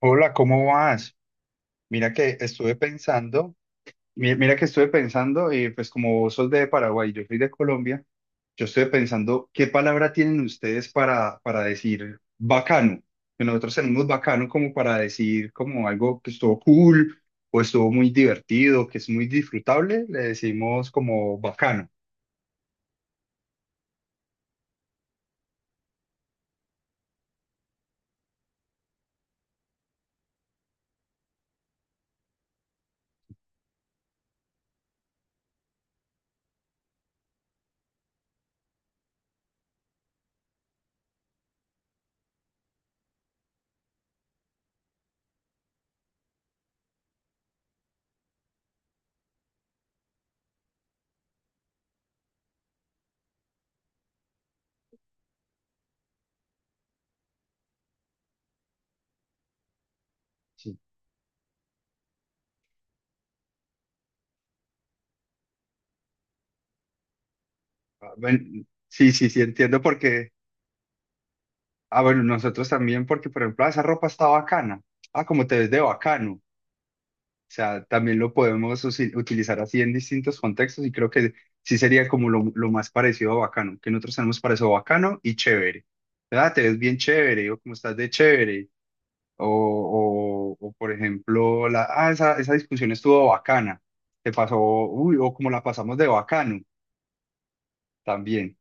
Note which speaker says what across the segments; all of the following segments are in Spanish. Speaker 1: Hola, ¿cómo vas? Mira que estuve pensando, mira que estuve pensando, y pues como vos sos de Paraguay y yo soy de Colombia, yo estuve pensando, ¿qué palabra tienen ustedes para decir bacano? Que nosotros tenemos bacano como para decir como algo que estuvo cool o estuvo muy divertido, que es muy disfrutable, le decimos como bacano. Sí. Ah, sí, sí, sí, entiendo porque, ah, bueno, nosotros también porque, por ejemplo, "Ah, esa ropa está bacana. Ah, como te ves de bacano." O sea, también lo podemos utilizar así en distintos contextos y creo que sí sería como lo más parecido a bacano, que nosotros tenemos para eso, bacano y chévere. ¿Verdad? Te ves bien chévere o como estás de chévere. O por ejemplo, la, ah, esa discusión estuvo bacana. Te pasó, uy, o como la pasamos de bacano también.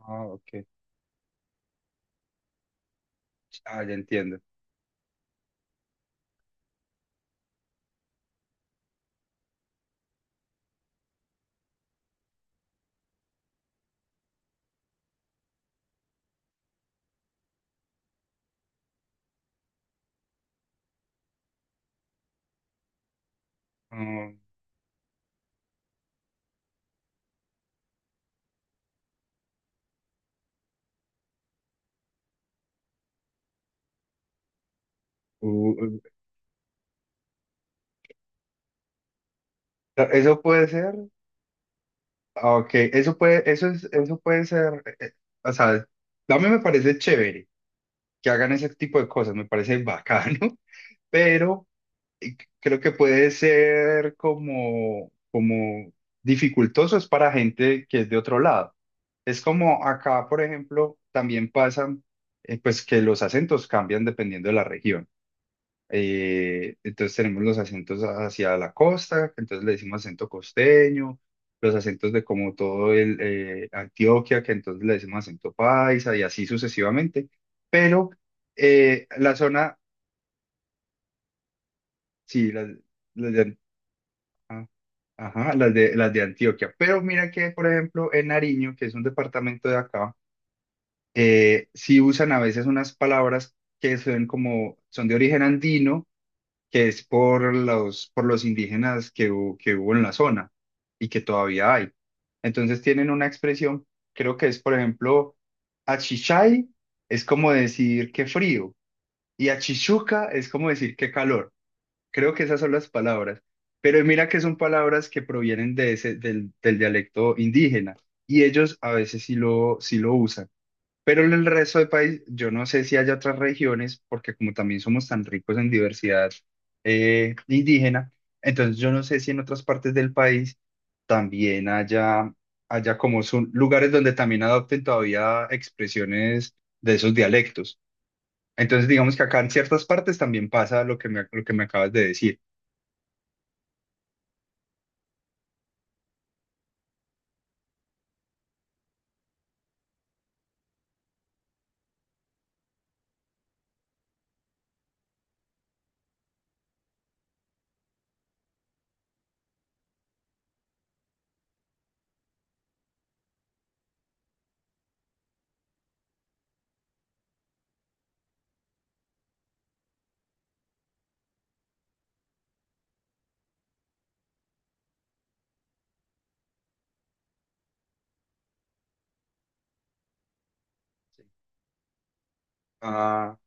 Speaker 1: Ah, ok. Ah, ya entiendo. Mm, uh, uh, eso puede ser. Ah, ok, eso puede, eso es, eso puede ser, o sea, a mí me parece chévere que hagan ese tipo de cosas, me parece bacano, pero creo que puede ser como, como dificultoso es para gente que es de otro lado. Es como acá, por ejemplo, también pasan, pues que los acentos cambian dependiendo de la región. Entonces tenemos los acentos hacia la costa, entonces le decimos acento costeño, los acentos de como todo el Antioquia, que entonces le decimos acento paisa y así sucesivamente. Pero la zona, sí, las de, ajá, las de Antioquia. Pero mira que, por ejemplo, en Nariño, que es un departamento de acá, sí usan a veces unas palabras que son como, son de origen andino que es por los indígenas que, que hubo en la zona y que todavía hay. Entonces tienen una expresión, creo que es, por ejemplo, achichay es como decir que frío y achichuca es como decir que calor. Creo que esas son las palabras. Pero mira que son palabras que provienen de ese, del, del dialecto indígena y ellos a veces sí lo usan. Pero en el resto del país, yo no sé si hay otras regiones, porque como también somos tan ricos en diversidad indígena, entonces yo no sé si en otras partes del país también haya, haya como son lugares donde también adopten todavía expresiones de esos dialectos. Entonces digamos que acá en ciertas partes también pasa lo que me acabas de decir. Ah,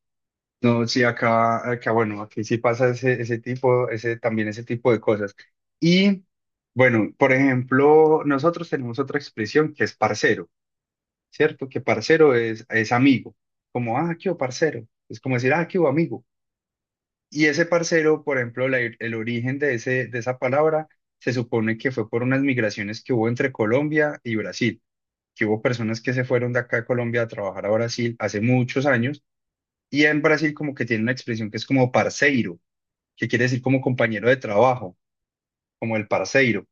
Speaker 1: no, sí, acá, acá, bueno, aquí sí pasa ese, ese tipo, ese, también ese tipo de cosas. Y bueno, por ejemplo, nosotros tenemos otra expresión que es parcero, ¿cierto? Que parcero es amigo, como, ah, qué hubo, parcero. Es como decir, ah, qué hubo, amigo. Y ese parcero, por ejemplo, el origen de ese, de esa palabra se supone que fue por unas migraciones que hubo entre Colombia y Brasil, que hubo personas que se fueron de acá de Colombia a trabajar a Brasil hace muchos años. Y en Brasil como que tiene una expresión que es como parceiro, que quiere decir como compañero de trabajo, como el parceiro.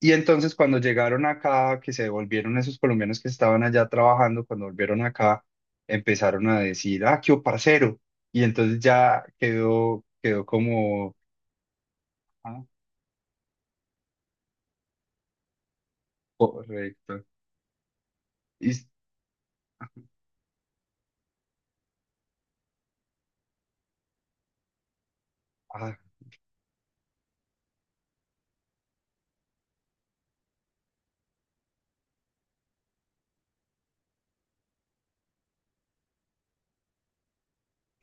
Speaker 1: Y entonces cuando llegaron acá, que se devolvieron esos colombianos que estaban allá trabajando, cuando volvieron acá, empezaron a decir, ah, qué o parcero. Y entonces ya quedó, quedó como, ah, correcto. Y, ah,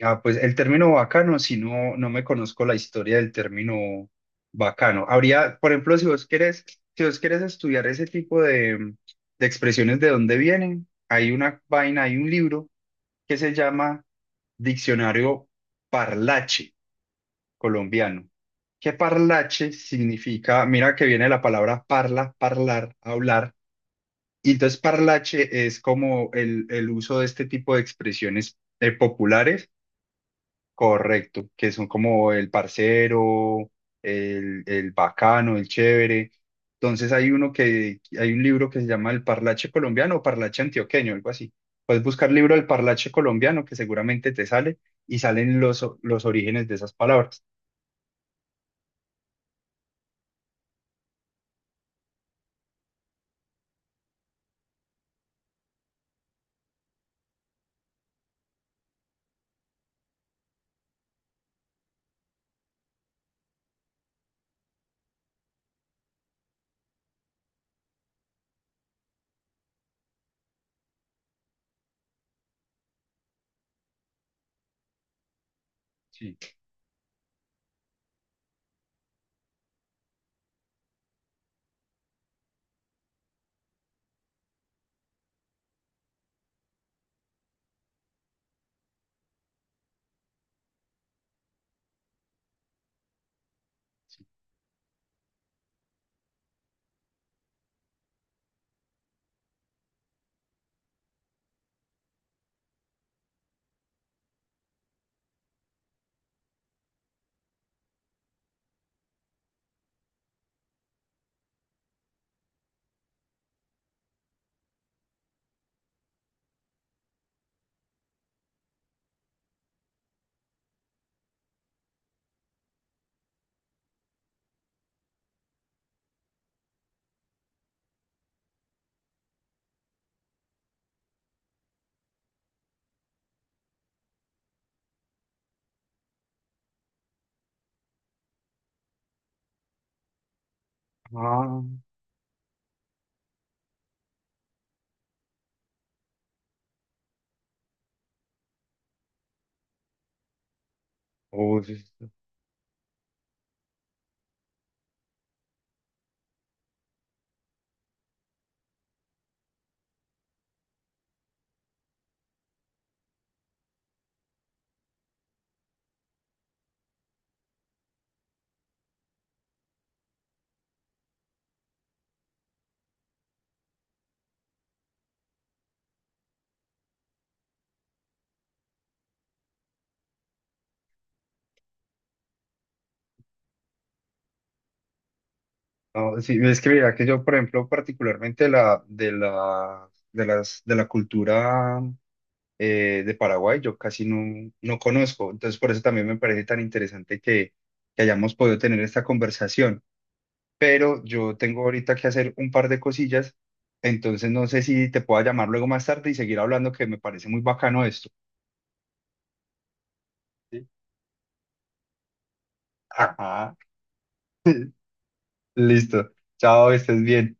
Speaker 1: ah, pues el término bacano, si no, no me conozco la historia del término bacano. Habría, por ejemplo, si vos querés, si vos querés estudiar ese tipo de expresiones de dónde vienen, hay una vaina, hay un libro que se llama Diccionario Parlache Colombiano. Que parlache significa, mira que viene la palabra parla, parlar, hablar. Y entonces parlache es como el uso de este tipo de expresiones populares. Correcto, que son como el parcero, el bacano, el chévere. Entonces hay uno que, hay un libro que se llama El Parlache Colombiano o Parlache Antioqueño, algo así. Puedes buscar libro del Parlache Colombiano que seguramente te sale y salen los, los orígenes de esas palabras. Sí. Ah, oh, sí, sí. No, sí, es que mira que yo, por ejemplo, particularmente la, de las, de la cultura de Paraguay yo casi no, no conozco. Entonces, por eso también me parece tan interesante que hayamos podido tener esta conversación. Pero yo tengo ahorita que hacer un par de cosillas, entonces no sé si te pueda llamar luego más tarde y seguir hablando, que me parece muy bacano esto. ¿Sí? Ajá. Listo. Chao, estés bien.